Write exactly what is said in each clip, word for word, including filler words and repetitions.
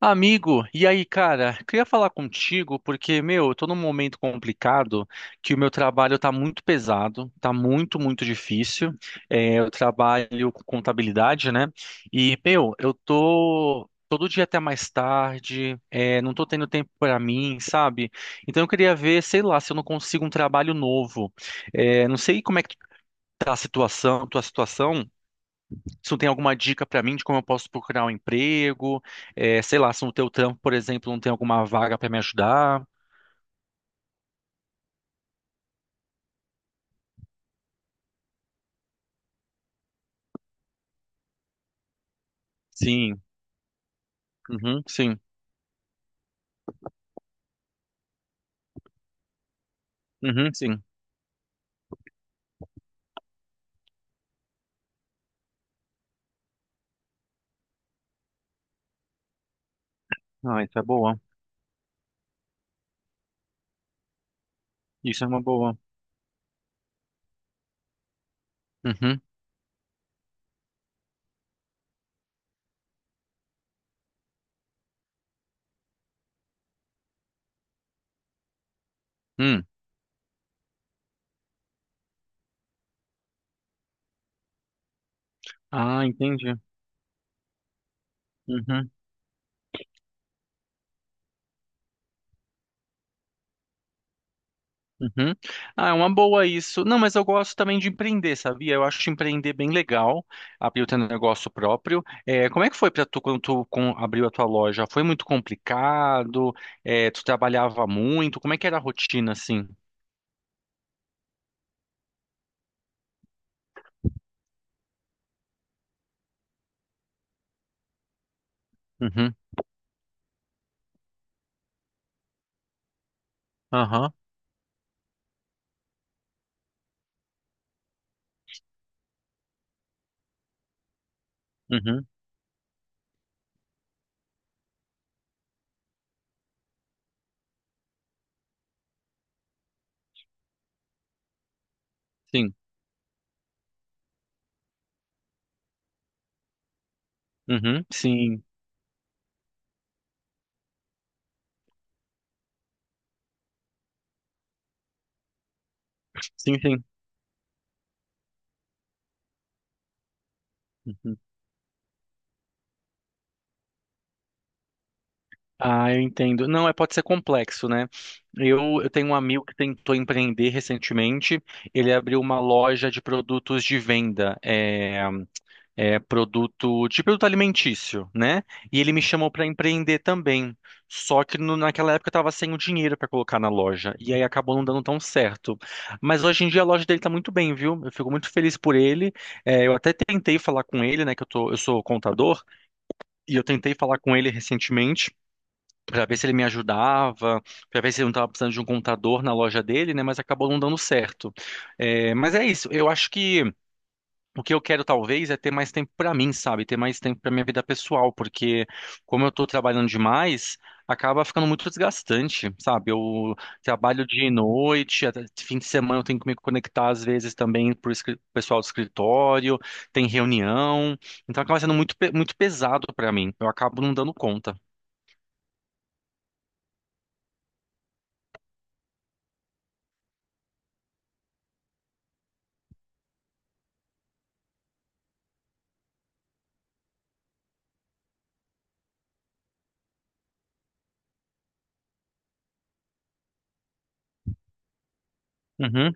Amigo, e aí, cara? Queria falar contigo porque, meu, eu tô num momento complicado que o meu trabalho tá muito pesado, tá muito, muito difícil. É, eu trabalho com contabilidade, né? E, meu, eu tô todo dia até mais tarde, é, não tô tendo tempo pra mim, sabe? Então eu queria ver, sei lá, se eu não consigo um trabalho novo. É, não sei como é que tá a situação, tua situação. Se tu tem alguma dica para mim de como eu posso procurar um emprego, é, sei lá, se no teu trampo, por exemplo, não tem alguma vaga para me ajudar. Sim, uhum, sim, uhum, sim. Ah, isso é boa. Isso é uma boa. Uhum, hum. Ah, entendi. Uhum, uhum. Ah, é uma boa isso. Não, mas eu gosto também de empreender, sabia? Eu acho empreender bem legal, abrir o teu negócio próprio. É, como é que foi para tu quando tu com- abriu a tua loja? Foi muito complicado? É, tu trabalhava muito? Como é que era a rotina assim? Uhum. Aham, uhum, sim, uhum, sim, sim, sim. uhum. Ah, eu entendo. Não, é, pode ser complexo, né? Eu, eu tenho um amigo que tentou empreender recentemente. Ele abriu uma loja de produtos de venda. É, é, produto de produto alimentício, né? E ele me chamou para empreender também. Só que no- naquela época eu estava sem o dinheiro para colocar na loja e aí acabou não dando tão certo. Mas hoje em dia a loja dele está muito bem, viu? Eu fico muito feliz por ele. É, eu até tentei falar com ele, né? Que eu tô, eu sou contador e eu tentei falar com ele recentemente. Para ver se ele me ajudava, para ver se ele não estava precisando de um contador na loja dele, né? Mas acabou não dando certo. É, mas é isso. Eu acho que o que eu quero talvez é ter mais tempo pra mim, sabe? Ter mais tempo pra minha vida pessoal, porque como eu tô trabalhando demais, acaba ficando muito desgastante, sabe? Eu trabalho dia e noite, até fim de semana eu tenho que me conectar às vezes também pro escri- pessoal do escritório, tem reunião, então acaba sendo muito, pe- muito pesado pra mim. Eu acabo não dando conta. Uhum,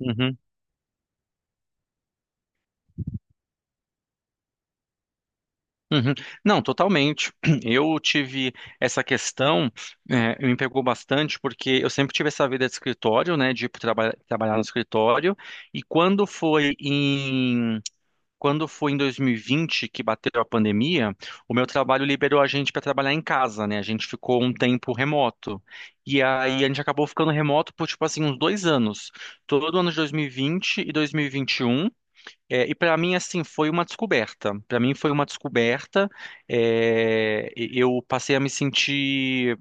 uhum. Uhum. Não, totalmente. Eu tive essa questão, eh, me pegou bastante, porque eu sempre tive essa vida de escritório, né, de ir pro traba trabalhar no escritório, e quando foi em, quando foi em dois mil e vinte que bateu a pandemia, o meu trabalho liberou a gente para trabalhar em casa, né, a gente ficou um tempo remoto, e aí a gente acabou ficando remoto por, tipo assim, uns dois anos, todo ano de dois mil e vinte e dois mil e vinte e um, é, e para mim, assim, foi uma descoberta. Para mim, foi uma descoberta. É, e- eu passei a me sentir.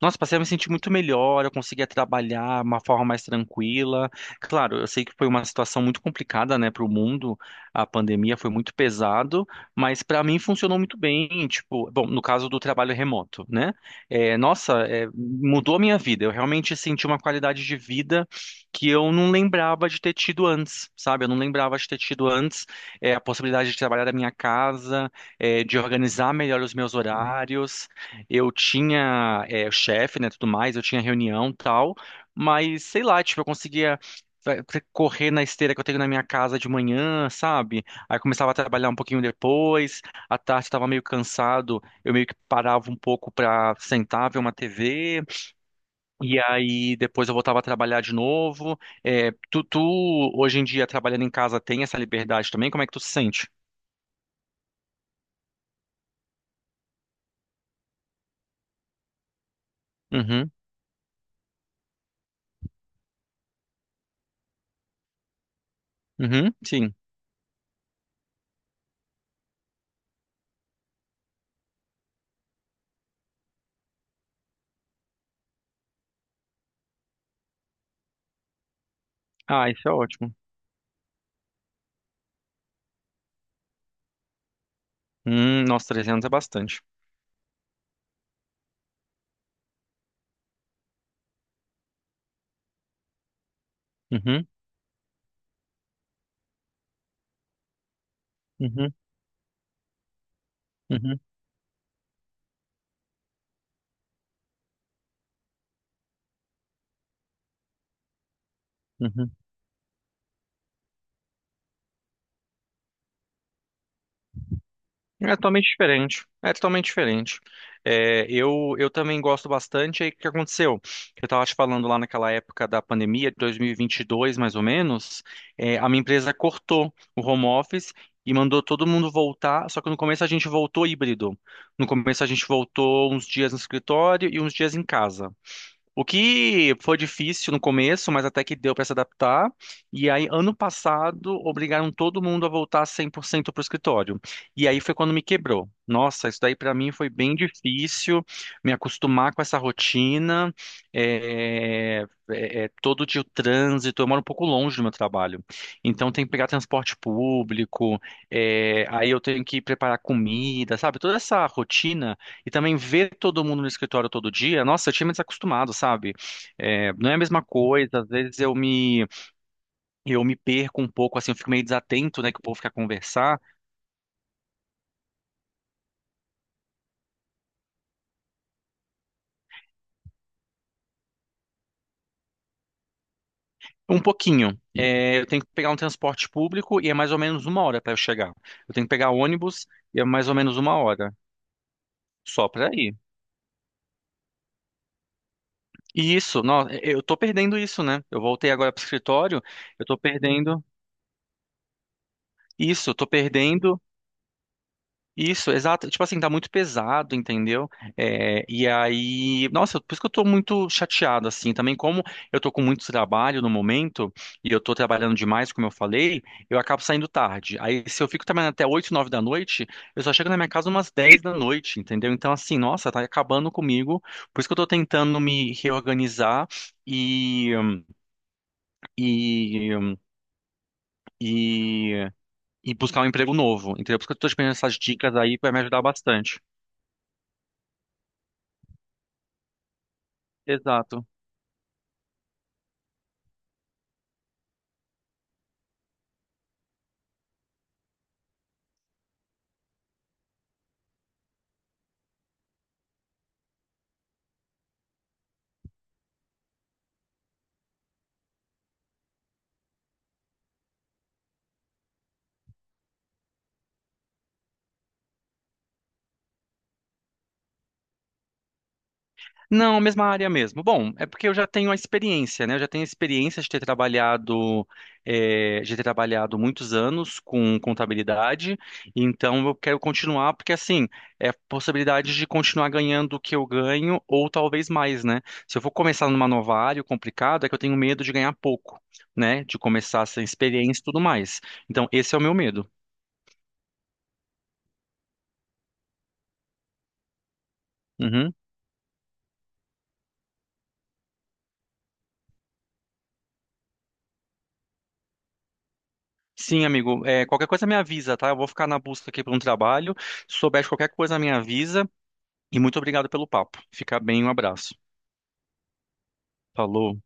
Nossa, passei a me sentir muito melhor, eu conseguia trabalhar de uma forma mais tranquila. Claro, eu sei que foi uma situação muito complicada, né, para o mundo. A pandemia foi muito pesado, mas para mim funcionou muito bem. Tipo, bom, no caso do trabalho remoto, né? É, nossa, é, mudou a minha vida. Eu realmente senti uma qualidade de vida que eu não lembrava de ter tido antes, sabe? Eu não lembrava de ter tido antes, é, a possibilidade de trabalhar da minha casa, é, de organizar melhor os meus horários. Eu tinha eh, o chefe, né, tudo mais, eu tinha reunião e tal, mas sei lá, tipo, eu conseguia fa- fa- correr na esteira que eu tenho na minha casa de manhã, sabe? Aí eu começava a trabalhar um pouquinho depois, à tarde estava meio cansado, eu meio que parava um pouco pra sentar, ver uma tê vê, e aí depois eu voltava a trabalhar de novo. Eh, tu, tu, hoje em dia, trabalhando em casa, tem essa liberdade também? Como é que tu se sente? Uhum, uhum, sim. Ah, isso é ótimo. Hum, nossa, trezentos é bastante. Uhum. Uhum, uhum, uhum. É totalmente diferente. É totalmente diferente. É, eu, eu também gosto bastante. Aí o que aconteceu? Eu estava te falando lá naquela época da pandemia, de dois mil e vinte e dois mais ou menos, é, a minha empresa cortou o home office e mandou todo mundo voltar. Só que no começo a gente voltou híbrido. No começo a gente voltou uns dias no escritório e uns dias em casa. O que foi difícil no começo, mas até que deu para se adaptar. E aí, ano passado, obrigaram todo mundo a voltar cem por cento para o escritório. E aí foi quando me quebrou. Nossa, isso daí para mim foi bem difícil, me acostumar com essa rotina, é, é, é, todo dia o trânsito. Eu moro um pouco longe do meu trabalho, então tem que pegar transporte público, é, aí eu tenho que preparar comida, sabe? Toda essa rotina e também ver todo mundo no escritório todo dia, nossa, eu tinha me desacostumado, sabe? É, não é a mesma coisa, às vezes eu me, eu me perco um pouco, assim, eu fico meio desatento, né, que o povo quer conversar. Um pouquinho. É, eu tenho que pegar um transporte público e é mais ou menos uma hora para eu chegar. Eu tenho que pegar ônibus e é mais ou menos uma hora. Só para ir. E isso, não, eu tô perdendo isso, né? Eu voltei agora pro escritório, eu tô perdendo isso, eu tô perdendo Isso, exato. Tipo assim, tá muito pesado, entendeu? É, e aí, nossa, por isso que eu tô muito chateado, assim, também como eu tô com muito trabalho no momento, e eu tô trabalhando demais, como eu falei, eu acabo saindo tarde. Aí, se eu fico trabalhando até oito, nove da noite, eu só chego na minha casa umas dez da noite, entendeu? Então, assim, nossa, tá acabando comigo. Por isso que eu tô tentando me reorganizar e, e, e, e buscar um emprego novo, entendeu? Por isso que eu tô te pedindo essas dicas aí, vai me ajudar bastante. Exato. Não, mesma área mesmo. Bom, é porque eu já tenho a experiência, né? Eu já tenho a experiência de ter trabalhado, eh, de ter trabalhado muitos anos com contabilidade, então eu quero continuar, porque assim, é a possibilidade de continuar ganhando o que eu ganho, ou talvez mais, né? Se eu for começar numa nova área complicada, é que eu tenho medo de ganhar pouco, né? De começar sem experiência e tudo mais. Então, esse é o meu medo. Uhum. Sim, amigo. Eh, qualquer coisa me avisa, tá? Eu vou ficar na busca aqui por um trabalho. Se souber de qualquer coisa, me avisa. E muito obrigado pelo papo. Fica bem, um abraço. Falou.